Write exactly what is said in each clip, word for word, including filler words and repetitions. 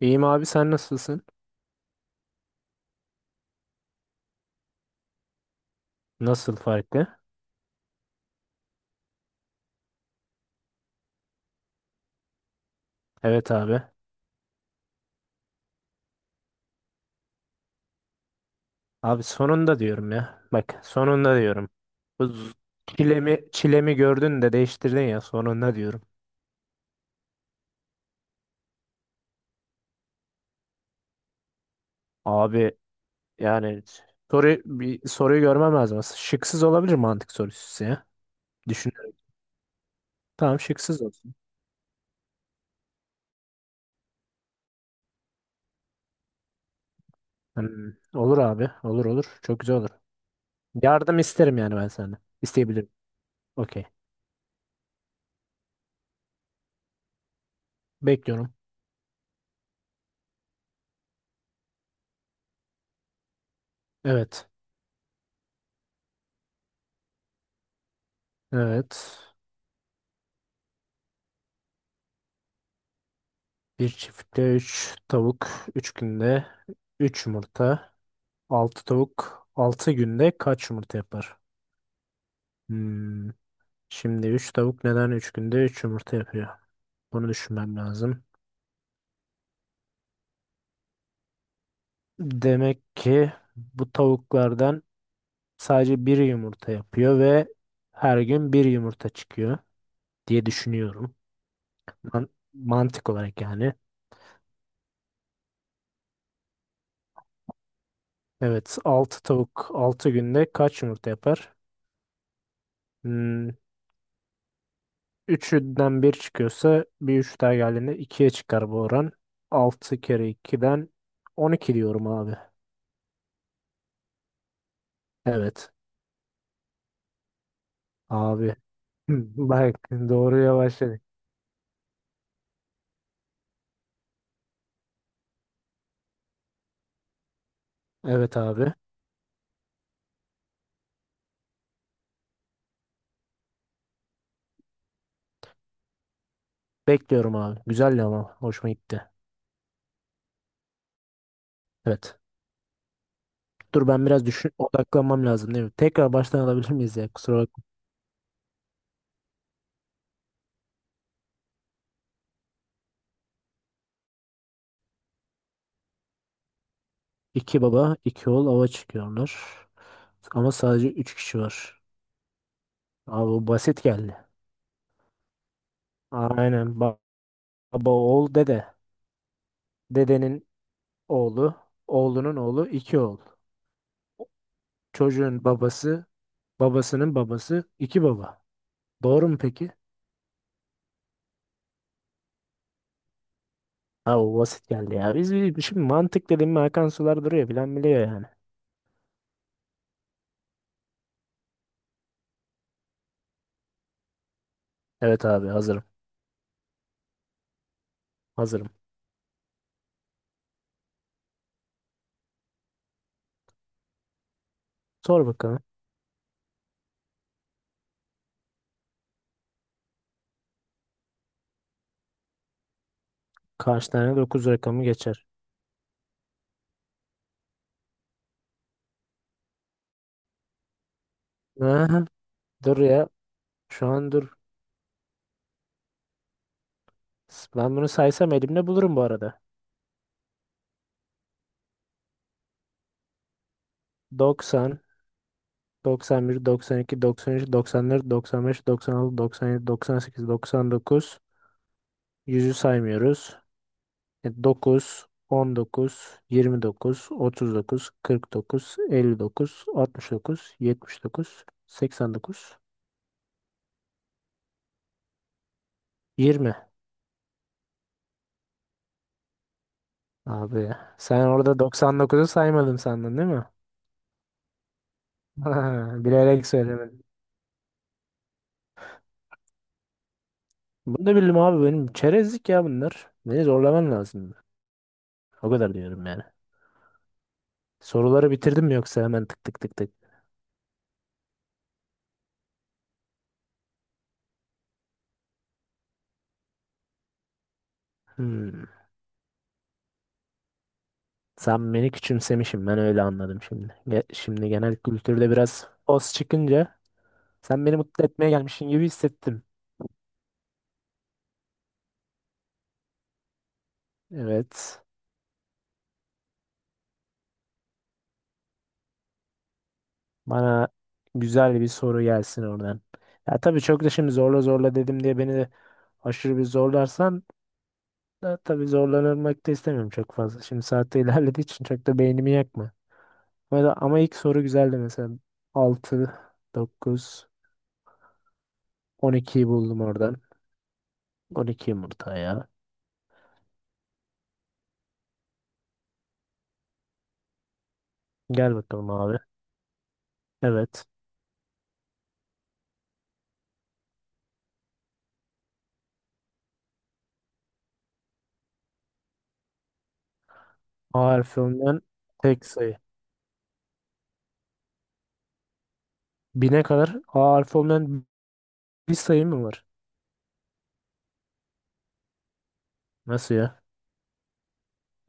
İyiyim abi, sen nasılsın? Nasıl farklı? Evet abi. Abi sonunda diyorum ya. Bak sonunda diyorum. Bu z- çilemi, çilemi gördün de değiştirdin ya sonunda diyorum. Abi yani soru, bir soruyu görmem lazım aslında. Şıksız olabilir mantık sorusu ya. Düşünüyorum. Tamam, şıksız olsun. Hmm, olur abi. Olur, olur. Çok güzel olur. Yardım isterim yani ben senden. İsteyebilirim. Okey. Bekliyorum. Evet. Evet. Bir çiftlikte üç tavuk üç günde üç yumurta. Altı tavuk altı günde kaç yumurta yapar? Hmm. Şimdi üç tavuk neden üç günde üç yumurta yapıyor? Bunu düşünmem lazım. Demek ki bu tavuklardan sadece bir yumurta yapıyor ve her gün bir yumurta çıkıyor diye düşünüyorum. Man- mantık olarak yani. Evet, altı tavuk altı günde kaç yumurta yapar? Hmm, Üçünden bir çıkıyorsa bir üç daha geldiğinde ikiye çıkar bu oran. Altı kere ikiden on iki diyorum abi. Evet abi. Bak, doğruya başladık. Evet abi. Bekliyorum abi. Güzeldi ama hoşuma gitti. Evet. Dur, ben biraz düşün, odaklanmam lazım, değil mi? Tekrar baştan alabilir miyiz ya? Kusura bakma. İki baba, iki oğul ava çıkıyorlar. Ama sadece üç kişi var. Abi bu basit geldi. Aynen. Ba- Baba, oğul, dede. Dedenin oğlu, oğlunun oğlu iki oğul. Çocuğun babası, babasının babası iki baba. Doğru mu peki? Ha, o basit geldi ya. Biz biz- şimdi mantık dedim mi akan sular duruyor, bilen biliyor yani. Evet abi, hazırım. Hazırım. Sor bakalım. Kaç tane dokuz rakamı geçer? Aha, dur ya. Şu an dur. S- Ben bunu saysam elimde bulurum bu arada. Doksan, doksan doksan doksan doksan bir, iki, doksan üç, doksan dört, doksan beş, doksan altı, doksan yedi, doksan sekiz, doksan dokuz. Yüzü saymıyoruz. dokuz, on dokuz, yirmi dokuz, otuz dokuz, kırk dokuz, elli dokuz, altmış dokuz, yetmiş dokuz, seksen dokuz. yirmi. Abi, sen orada doksan dokuzu saymadın sandın, değil mi? Ha, bilerek söylemedim. Bunu da bildim abi, benim çerezlik ya bunlar. Beni zorlaman lazım. O kadar diyorum yani. Soruları bitirdim mi, yoksa hemen tık tık tık tık? Hmm. Sen beni küçümsemişim, ben öyle anladım şimdi. Ge- şimdi genel kültürde biraz os çıkınca sen beni mutlu etmeye gelmişsin gibi hissettim. Evet. Bana güzel bir soru gelsin oradan. Ya tabii, çok da şimdi zorla zorla dedim diye beni de aşırı bir zorlarsan da tabii, zorlanmak da istemiyorum çok fazla. Şimdi saatte ilerlediği için çok da beynimi yakma. Ama, ama ilk soru güzeldi mesela. altı, dokuz, on ikiyi buldum oradan. on iki yumurta ya. Gel bakalım abi. Evet. A harfi olmayan tek sayı. Bine kadar A harfi olmayan bir sayı mı var? Nasıl ya?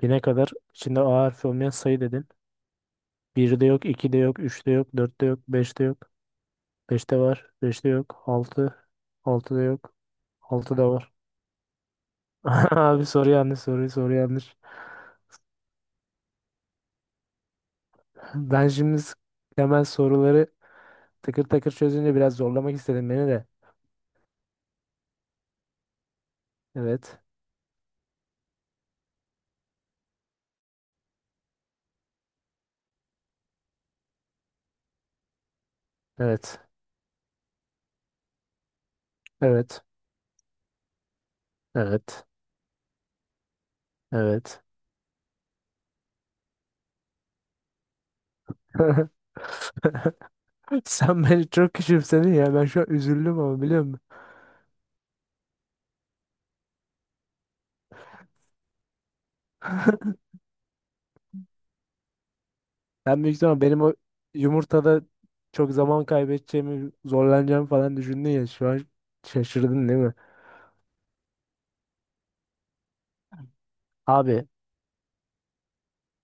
Bine kadar içinde A harfi olmayan sayı dedin. Birde yok, ikide yok, üçte yok, dörtte yok, beşte yok. Beşte var, beşte yok, altı, altıda yok, altıda var. Abi, soru yanlış, soruyu soru yanlış. Ben şimdi s- hemen soruları takır takır çözünce biraz zorlamak istedim beni de. Evet, evet, evet, evet, evet. Sen beni çok küçümsedin ya. Ben şu an üzüldüm ama, biliyor musun? Ben büyük ihtimal benim o yumurtada çok zaman kaybedeceğimi, zorlanacağımı falan düşündün ya. Şu an şaşırdın, değil mi? Abi,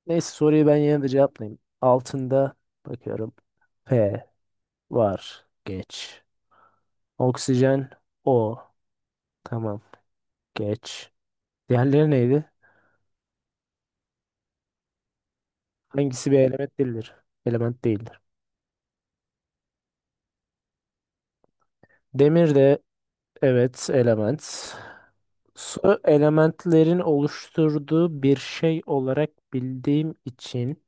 neyse, soruyu ben yine de cevaplayayım. Altında bakıyorum. P var. Geç. Oksijen O. Tamam. Geç. Diğerleri neydi? Hangisi bir element değildir? Element değildir. Demir de evet element. Su, elementlerin oluşturduğu bir şey olarak bildiğim için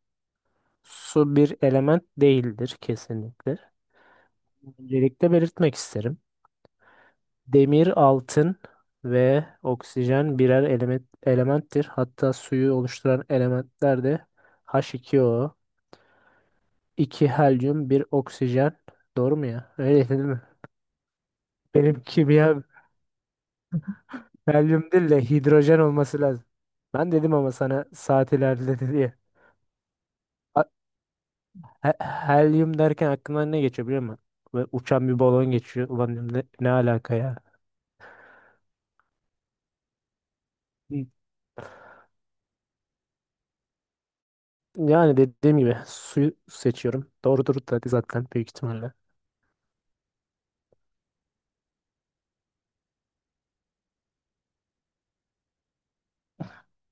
su bir element değildir kesinlikle. Öncelikle belirtmek isterim. Demir, altın ve oksijen birer element, elementtir. Hatta suyu oluşturan elementler de h iki o, iki helyum, bir oksijen. Doğru mu ya? Öyle değil mi? Benim kimya, helyum değil de hidrojen olması lazım. Ben dedim ama sana, saat ilerledi diye. A- he- Helyum derken aklımdan ne geçiyor biliyor musun? Ve uçan bir balon geçiyor. Ulan dedim, ne, ne alaka ya? Yani dediğim gibi suyu seçiyorum. Doğrudur tabii, zaten büyük ihtimalle.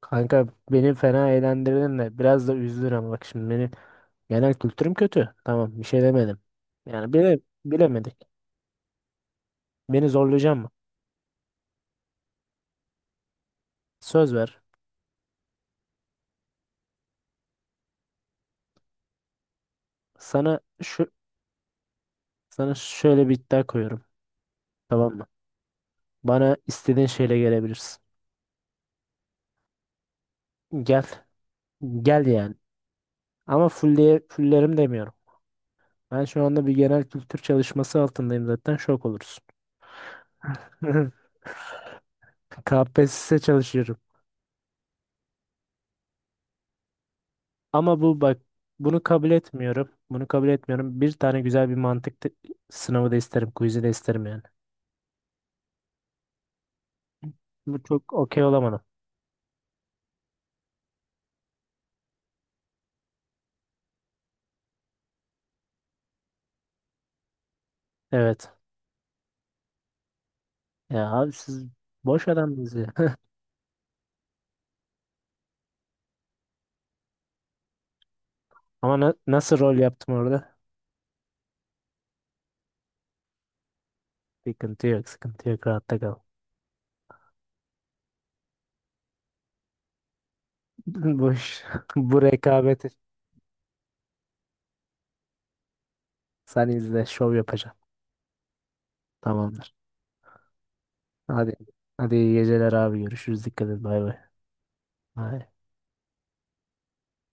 Kanka, beni fena eğlendirdin de biraz da üzdün ama bak şimdi benim genel kültürüm kötü. Tamam, bir şey demedim. Yani bile, bilemedik. Beni zorlayacak mı? Söz ver. Sana şu sana şöyle bir iddia koyuyorum. Tamam mı? Bana istediğin şeyle gelebilirsin. Gel. Gel yani. Ama full diye fullerim demiyorum. Ben şu anda bir genel kültür çalışması altındayım, zaten şok olursun. K P S S çalışıyorum. Ama bu bak, bunu kabul etmiyorum. Bunu kabul etmiyorum. Bir tane güzel bir mantık te- sınavı da isterim. Quiz'i de isterim yani. Bu çok okey olamadım. Evet. Ya abi, siz boş adamsınız ya. Ama na- nasıl rol yaptım orada? Sıkıntı yok. Sıkıntı yok. Rahatta kal. Boş. Bu rekabeti sen izle. Şov yapacağım. Tamamdır. Hadi. Hadi, iyi geceler abi. Görüşürüz. Dikkat et. Bay bay. Bay.